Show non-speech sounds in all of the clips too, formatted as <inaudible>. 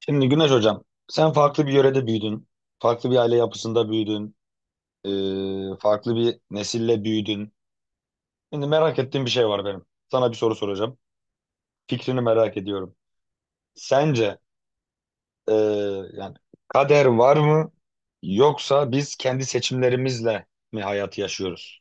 Şimdi Güneş Hocam, sen farklı bir yörede büyüdün, farklı bir aile yapısında büyüdün, farklı bir nesille büyüdün. Şimdi merak ettiğim bir şey var benim. Sana bir soru soracağım. Fikrini merak ediyorum. Sence e, yani kader var mı yoksa biz kendi seçimlerimizle mi hayatı yaşıyoruz?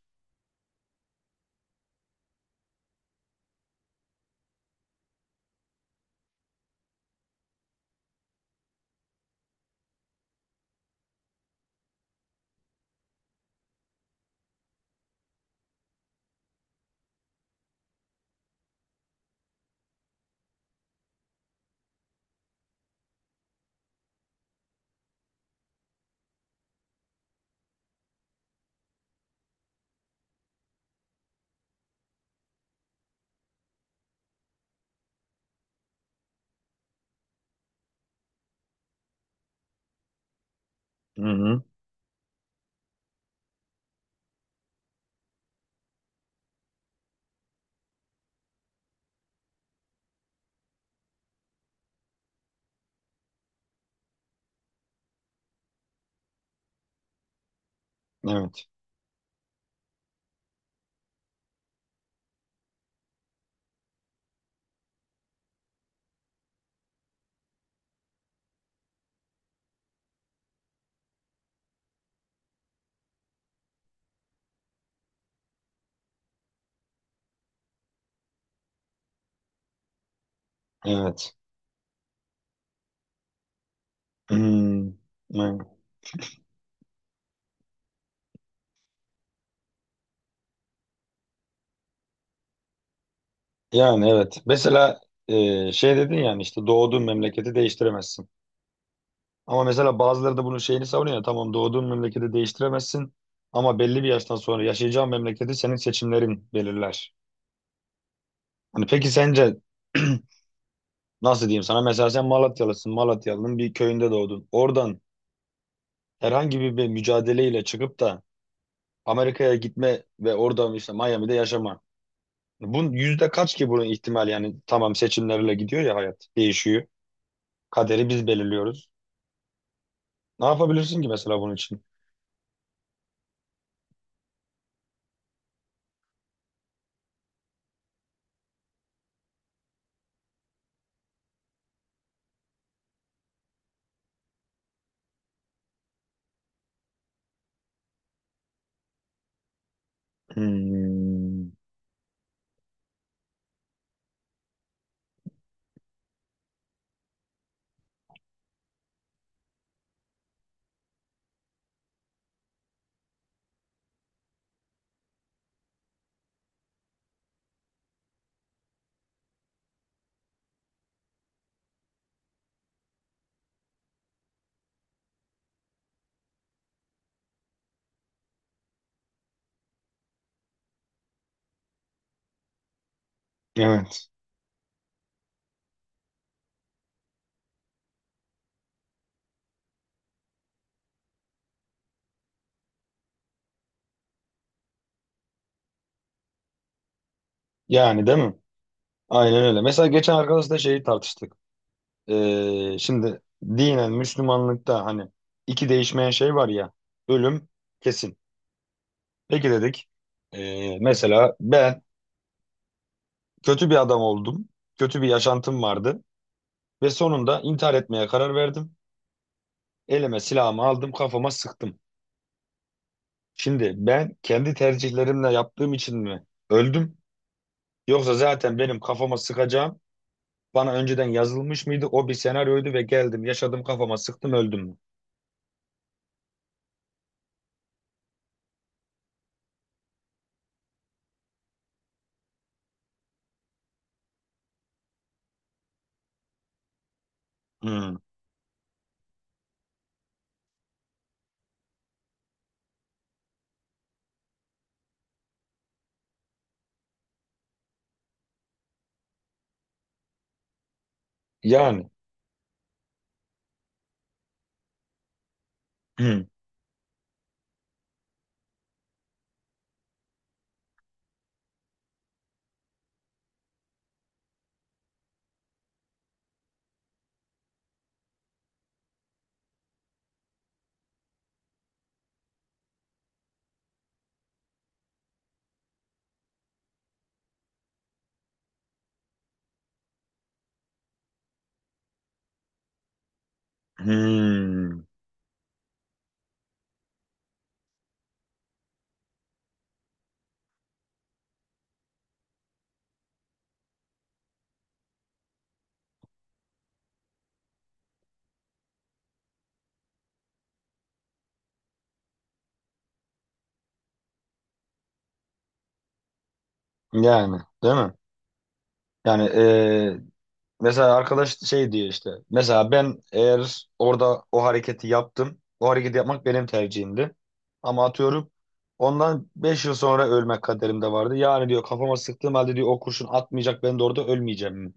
Hı hı. Evet, evet. Hmm, evet. Yani evet. Mesela şey dedin yani işte doğduğun memleketi değiştiremezsin. Ama mesela bazıları da bunun şeyini savunuyor. Tamam doğduğun memleketi değiştiremezsin ama belli bir yaştan sonra yaşayacağın memleketi senin seçimlerin belirler. Hani peki sence <clears throat> nasıl diyeyim sana mesela sen Malatyalısın. Malatyalı'nın bir köyünde doğdun. Oradan herhangi bir mücadeleyle çıkıp da Amerika'ya gitme ve orada işte Miami'de yaşama. Bunun yüzde kaç ki bunun ihtimal yani tamam seçimlerle gidiyor ya hayat değişiyor. Kaderi biz belirliyoruz. Ne yapabilirsin ki mesela bunun için? Hmm, evet. Yani değil mi? Aynen öyle. Mesela geçen arkadaşla şeyi tartıştık. Şimdi dinen Müslümanlıkta hani iki değişmeyen şey var ya. Ölüm kesin. Peki dedik. Mesela ben kötü bir adam oldum. Kötü bir yaşantım vardı. Ve sonunda intihar etmeye karar verdim. Elime silahımı aldım kafama sıktım. Şimdi ben kendi tercihlerimle yaptığım için mi öldüm? Yoksa zaten benim kafama sıkacağım. Bana önceden yazılmış mıydı? O bir senaryoydu ve geldim yaşadım kafama sıktım öldüm mü? Hmm. Yani. Hmm. Hmm. Yani değil mi? Yani mesela arkadaş şey diyor işte. Mesela ben eğer orada o hareketi yaptım. O hareketi yapmak benim tercihimdi. Ama atıyorum ondan 5 yıl sonra ölmek kaderimde vardı. Yani diyor kafama sıktığım halde diyor o kurşun atmayacak ben de orada ölmeyeceğim mi?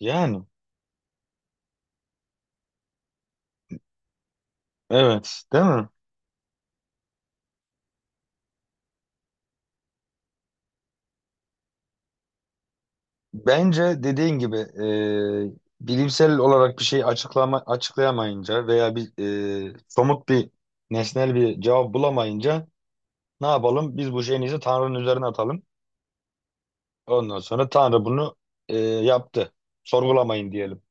Yani. Evet. Değil mi? Bence dediğin gibi bilimsel olarak bir şey açıklama, açıklayamayınca veya bir somut bir nesnel bir cevap bulamayınca ne yapalım? Biz bu şeyin izi Tanrı'nın üzerine atalım. Ondan sonra Tanrı bunu yaptı. Sorgulamayın diyelim.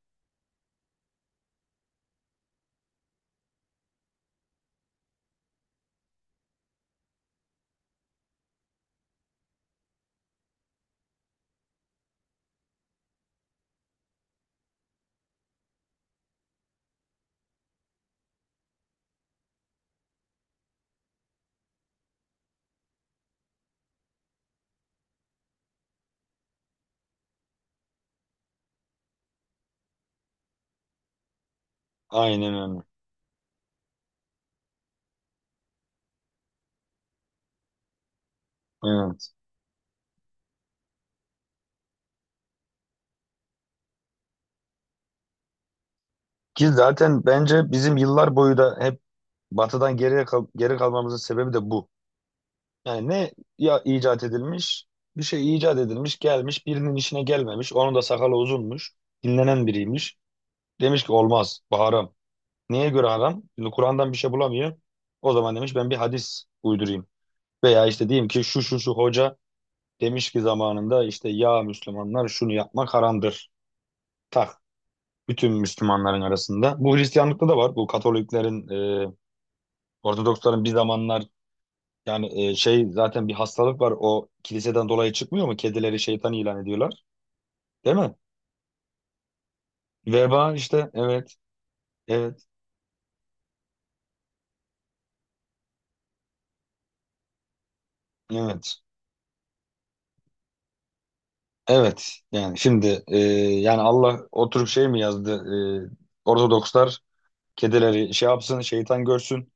Aynen öyle. Evet. Ki zaten bence bizim yıllar boyu da hep batıdan geri kalmamızın sebebi de bu. Yani ne ya icat edilmiş, bir şey icat edilmiş, gelmiş, birinin işine gelmemiş. Onun da sakalı uzunmuş, dinlenen biriymiş. Demiş ki olmaz, bu haram. Neye göre haram? Şimdi Kur'an'dan bir şey bulamıyor. O zaman demiş ben bir hadis uydurayım. Veya işte diyeyim ki şu şu şu hoca demiş ki zamanında işte ya Müslümanlar şunu yapmak haramdır. Tak. Bütün Müslümanların arasında. Bu Hristiyanlıkta da var. Bu Katoliklerin, e, Ortodoksların bir zamanlar. Yani şey zaten bir hastalık var o kiliseden dolayı çıkmıyor mu? Kedileri şeytan ilan ediyorlar. Değil mi? Veba işte evet evet evet evet yani şimdi yani Allah oturup şey mi yazdı Ortodokslar kedileri şey yapsın şeytan görsün.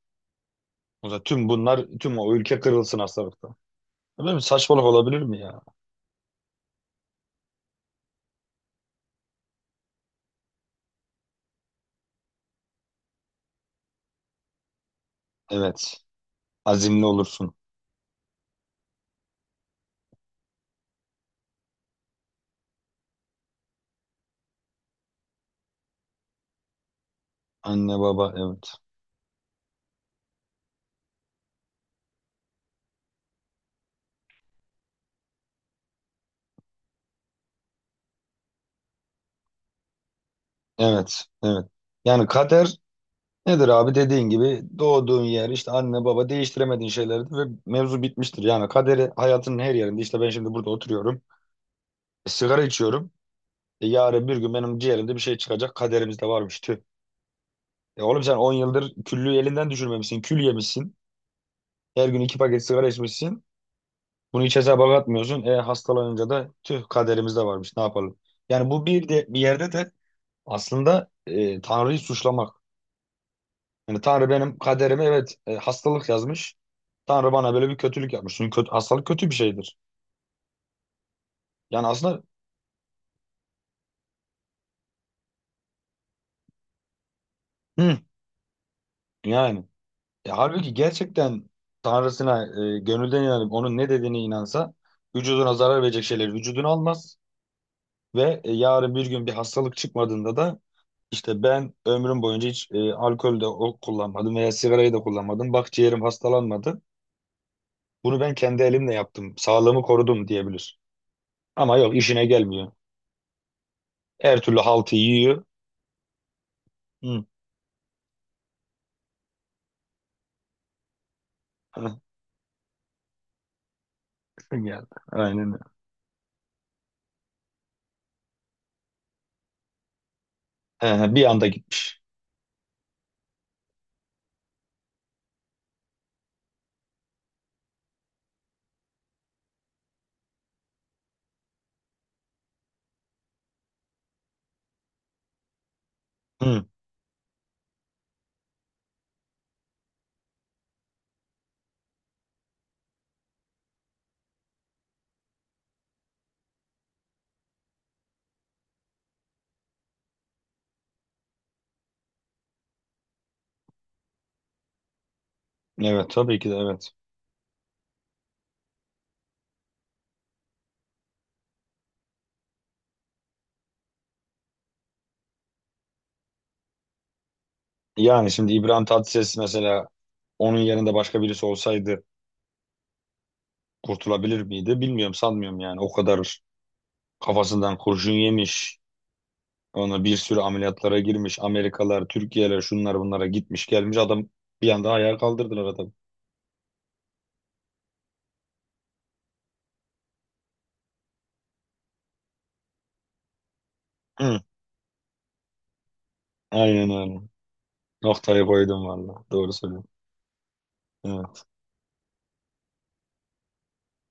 O zaman tüm bunlar tüm o ülke kırılsın hastalıkta. Böyle bir saçmalık olabilir mi ya? Evet azimli olursun anne baba evet evet evet yani kader nedir abi dediğin gibi doğduğun yer işte anne baba değiştiremediğin şeylerdir ve mevzu bitmiştir. Yani kaderi hayatının her yerinde işte ben şimdi burada oturuyorum sigara içiyorum. E, yarın bir gün benim ciğerimde bir şey çıkacak kaderimizde varmış tüh. E oğlum sen 10 yıldır küllüğü elinden düşürmemişsin kül yemişsin. Her gün 2 paket sigara içmişsin. Bunu hiç hesaba katmıyorsun. E hastalanınca da tüh kaderimizde varmış ne yapalım. Yani bu bir de bir yerde de aslında Tanrı'yı suçlamak. Yani Tanrı benim kaderime evet hastalık yazmış. Tanrı bana böyle bir kötülük yapmış. Çünkü kötü, hastalık kötü bir şeydir. Yani aslında hı, yani. E, halbuki gerçekten Tanrısına gönülden inanıp onun ne dediğine inansa vücuduna zarar verecek şeyleri vücuduna almaz ve yarın bir gün bir hastalık çıkmadığında da işte ben ömrüm boyunca hiç alkol de kullanmadım veya sigarayı da kullanmadım. Bak ciğerim hastalanmadı. Bunu ben kendi elimle yaptım. Sağlığımı korudum diyebilir. Ama yok işine gelmiyor. Her türlü haltı yiyor. Hı. <laughs> Geldi. Aynen öyle. Bir anda gitmiş. Hı. Evet tabii ki de evet. Yani şimdi İbrahim Tatlıses mesela onun yerinde başka birisi olsaydı kurtulabilir miydi? Bilmiyorum sanmıyorum yani. O kadar kafasından kurşun yemiş. Ona bir sürü ameliyatlara girmiş. Amerikalar, Türkiye'ler şunlar bunlara gitmiş gelmiş. Adam bir anda ayağa kaldırdılar adamı. Hı. Aynen öyle. Noktayı koydum valla. Doğru söylüyorsun. Evet.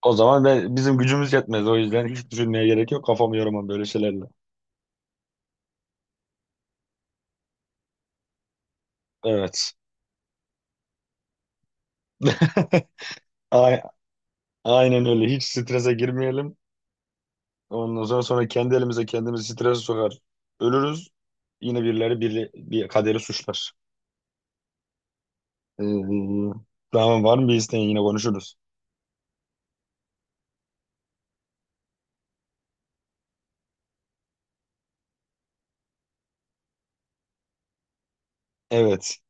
O zaman ben, bizim gücümüz yetmez. O yüzden hiç düşünmeye gerek yok. Kafamı yoramam böyle şeylerle. Evet. <laughs> Ay- Aynen öyle. Hiç strese girmeyelim. Ondan sonra kendi elimize kendimizi strese sokar. Ölürüz. Yine bir kaderi suçlar. Ee, tamam var mı bir isteğin yine konuşuruz. Evet.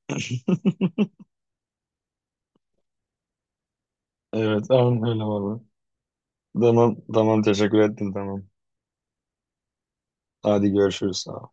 Evet. Tamam öyle var mı? Tamam. Tamam teşekkür ettim tamam. Hadi görüşürüz. Sağ ol.